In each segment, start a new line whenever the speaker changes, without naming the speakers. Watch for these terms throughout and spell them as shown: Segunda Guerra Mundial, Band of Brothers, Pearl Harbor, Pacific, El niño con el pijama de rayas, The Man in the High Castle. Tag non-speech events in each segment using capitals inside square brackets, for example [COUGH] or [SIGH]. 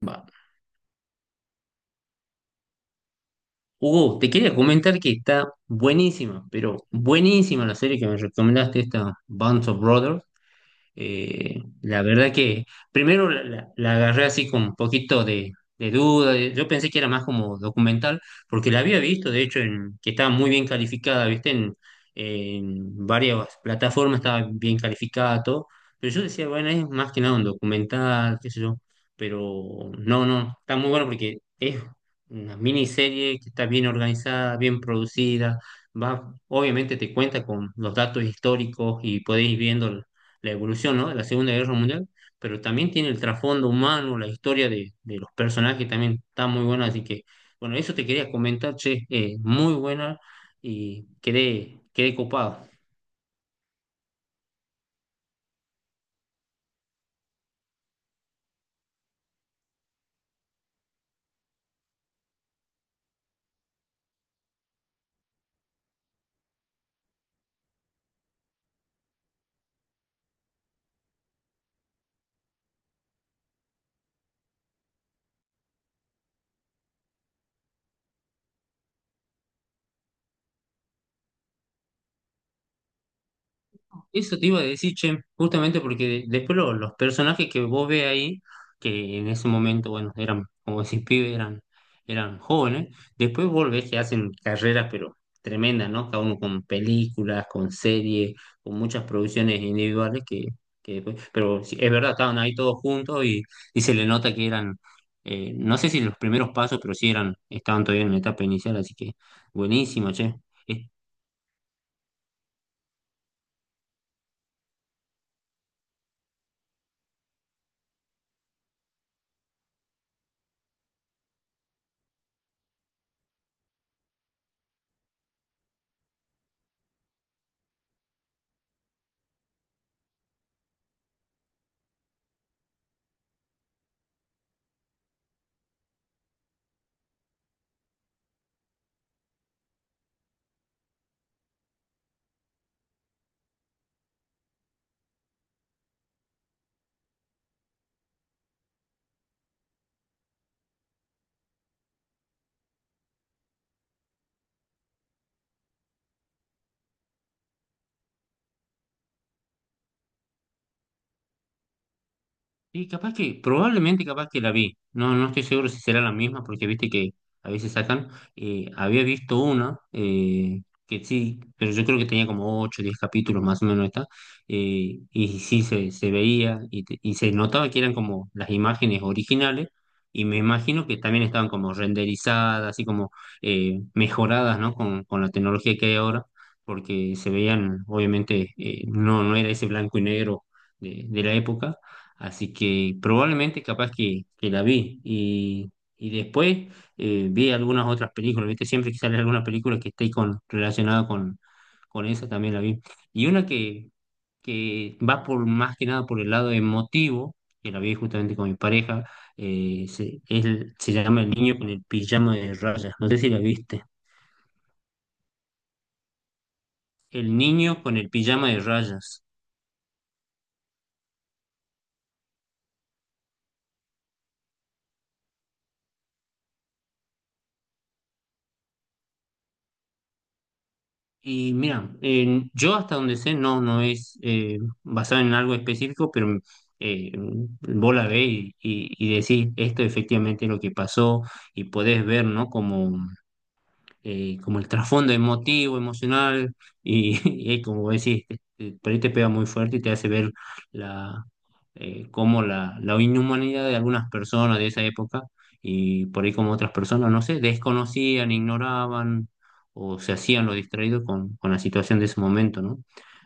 Va. Hugo, te quería comentar que está buenísima, pero buenísima la serie que me recomendaste, esta Band of Brothers. La verdad que primero la agarré así con un poquito de duda, de- yo pensé que era más como documental, porque la había visto, de hecho, en, que estaba muy bien calificada, ¿viste? En varias plataformas estaba bien calificada, todo, pero yo decía, bueno, es más que nada un documental, qué sé yo, pero no, no, está muy bueno porque es una miniserie que está bien organizada, bien producida, va, obviamente te cuenta con los datos históricos y podéis ir viendo la evolución, ¿no? De la Segunda Guerra Mundial, pero también tiene el trasfondo humano, la historia de los personajes también está muy buena, así que, bueno, eso te quería comentar, che, muy buena y quedé, quedé copado. Eso te iba a decir, che, justamente porque después lo- los personajes que vos ves ahí, que en ese momento, bueno, eran, como decís, pibes, eran, eran jóvenes, después vos ves que hacen carreras, pero tremendas, ¿no? Cada uno con películas, con series, con muchas producciones individuales que después, pero sí, es verdad, estaban ahí todos juntos y se le nota que eran, no sé si los primeros pasos, pero sí eran, estaban todavía en la etapa inicial, así que buenísimo, che. Y capaz que, probablemente capaz que la vi. No, no estoy seguro si será la misma, porque viste que a veces sacan. Había visto una, que sí, pero yo creo que tenía como 8 o 10 capítulos más o menos esta. Y sí se veía y, te- y se notaba que eran como las imágenes originales. Y me imagino que también estaban como renderizadas, así como mejoradas, ¿no? Con la tecnología que hay ahora, porque se veían, obviamente, no, no era ese blanco y negro de la época. Así que probablemente capaz que la vi. Y después vi algunas otras películas, ¿viste? Siempre que sale alguna película que esté con, relacionada con esa también la vi. Y una que va por más que nada por el lado emotivo, que la vi justamente con mi pareja, se, es- se llama El niño con el pijama de rayas. No sé si la viste. El niño con el pijama de rayas. Y mira, yo hasta donde sé, no, no es basado en algo específico, pero eh, vos la ves y decís, esto efectivamente es lo que pasó y podés ver, ¿no? Como como el trasfondo emotivo, emocional, y, [LAUGHS] y como decís, por ahí te pega muy fuerte y te hace ver la, como la inhumanidad de algunas personas de esa época, y por ahí como otras personas, no sé, desconocían, ignoraban o se hacían lo distraído con la situación de ese momento, ¿no?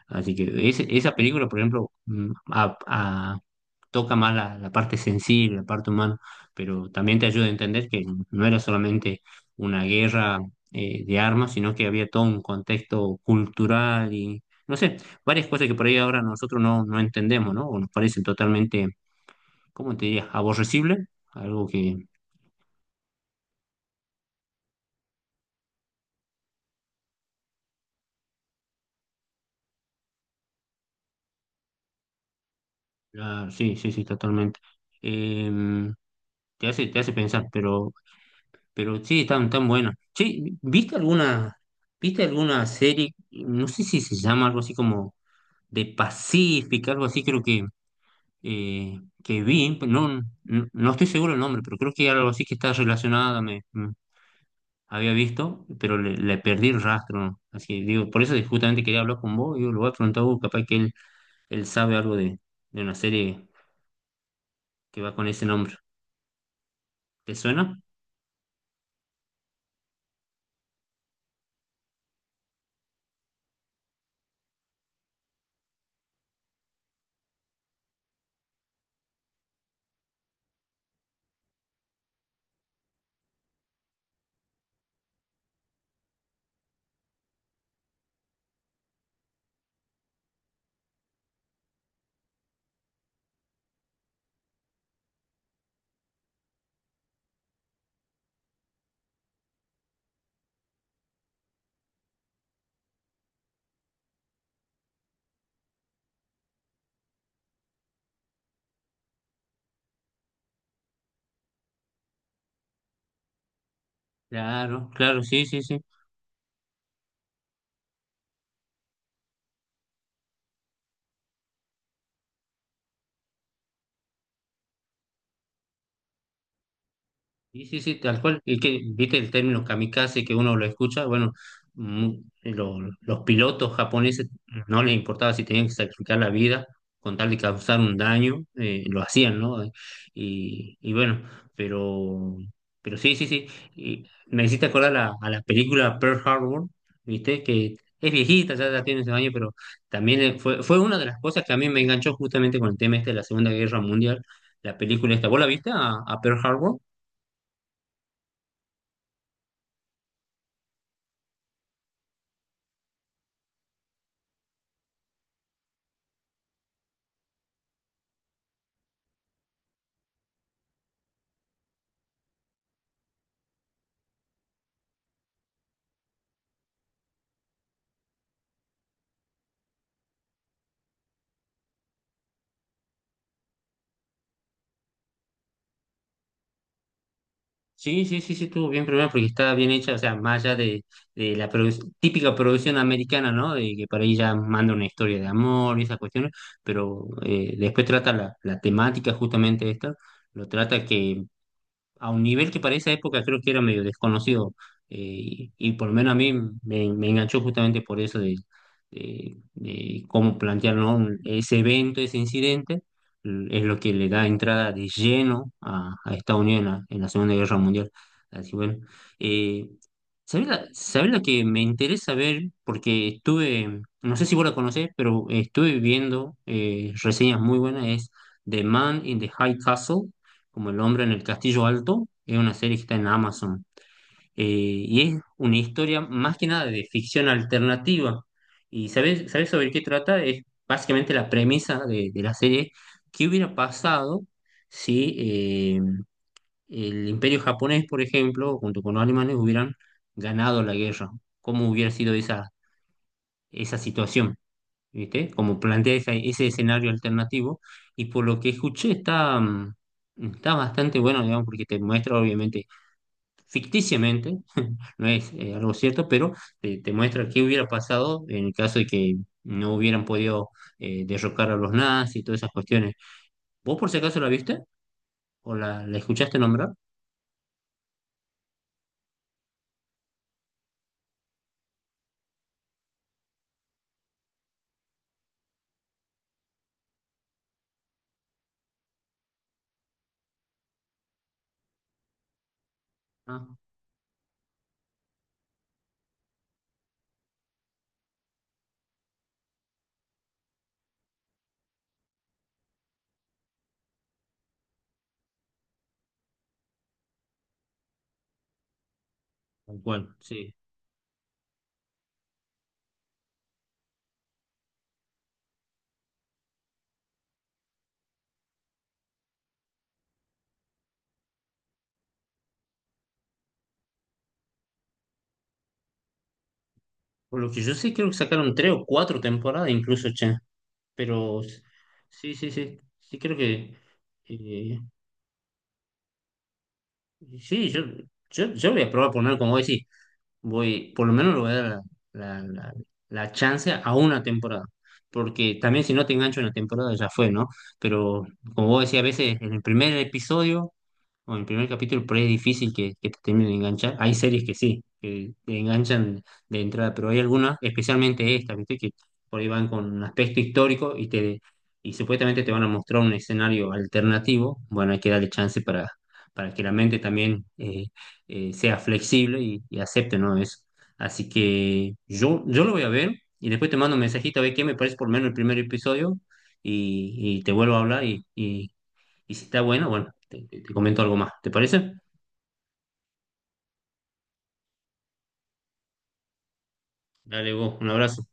Así que ese- esa película, por ejemplo, a- toca más la, la parte sensible, la parte humana, pero también te ayuda a entender que no era solamente una guerra de armas, sino que había todo un contexto cultural y, no sé, varias cosas que por ahí ahora nosotros no, no entendemos, ¿no? O nos parecen totalmente, ¿cómo te diría?, aborrecible, algo que, ah, sí, sí, sí, totalmente. Em, te hace pensar, pero sí, tan, tan buena. Sí, ¿viste alguna... ¿Viste alguna serie? No sé si se llama algo así como de Pacific, algo así creo que vi, no, no, no estoy seguro del nombre, pero creo que algo así que está relacionada, me había visto, pero le perdí el rastro. Así que digo, por eso justamente quería hablar con vos, digo, lo voy a preguntar a vos, capaz que él sabe algo de una serie que va con ese nombre. ¿Te suena? Claro, claro, sí, sí, sí. Sí, sí, sí, tal cual. Y que, viste el término kamikaze que uno lo escucha, bueno, mm, lo- los pilotos japoneses no les importaba si tenían que sacrificar la vida con tal de causar un daño, lo hacían, ¿no? Y bueno, pero, pero sí, sí, sí. Y me hiciste acordar la- a la película Pearl Harbor, viste, que es viejita, ya, ya tiene ese años, pero también fue, fue una de las cosas que a mí me enganchó justamente con el tema este de la Segunda Guerra Mundial, la película esta. ¿Vos la viste a Pearl Harbor? Sí, sí, sí, sí, estuvo bien primero porque estaba bien hecha, o sea, más allá de la produ- típica producción americana, ¿no? De que por ahí ya manda una historia de amor y esas cuestiones, pero después trata la, la temática justamente esta, lo trata que a un nivel que para esa época creo que era medio desconocido. Y, y por lo menos a mí me, me enganchó justamente por eso de cómo plantear, ¿no? Un- ese evento, ese incidente, l- es lo que le da entrada de lleno a Estados Unidos en la Segunda Guerra Mundial. Así bueno, eh, sabés la que me interesa ver? Porque estuve, no sé si vos la conocés, pero estuve viendo reseñas muy buenas, es The Man in the High Castle, como El hombre en el castillo alto, es una serie que está en Amazon. Y es una historia más que nada de ficción alternativa. ¿Y sabes, sabes sobre qué trata? Es básicamente la premisa de la serie. ¿Qué hubiera pasado si eh, el imperio japonés, por ejemplo, junto con los alemanes, hubieran ganado la guerra? ¿Cómo hubiera sido esa, esa situación? ¿Viste? Como plantea esa- ese escenario alternativo, y por lo que escuché está, está bastante bueno, digamos, porque te muestra obviamente ficticiamente, [LAUGHS] no es algo cierto, pero te muestra qué hubiera pasado en el caso de que no hubieran podido derrocar a los nazis y todas esas cuestiones. ¿Vos por si acaso la viste? ¿O la escuchaste nombrar? Ah, tal cual, sí. Por lo que yo sé, creo que sacaron tres o cuatro temporadas incluso, che, pero sí, sí, sí, sí creo que... Eh, sí, yo voy a probar poner, como decís, voy, por lo menos le voy a dar la, la, la- la chance a una temporada. Porque también si no te engancho en la temporada ya fue, ¿no? Pero como vos decís, a veces en el primer episodio bueno, el primer capítulo por ahí es difícil que te termine de enganchar. Hay series que sí, que te enganchan de entrada, pero hay algunas, especialmente esta ¿viste? Que por ahí van con un aspecto histórico y te y supuestamente te van a mostrar un escenario alternativo. Bueno, hay que darle chance para que la mente también sea flexible y acepte, ¿no? Eso. Así que yo lo voy a ver y después te mando un mensajito a ver qué me parece por lo menos el primer episodio y te vuelvo a hablar y si está bueno, bueno, te- te comento algo más. ¿Te parece? Dale vos, un abrazo.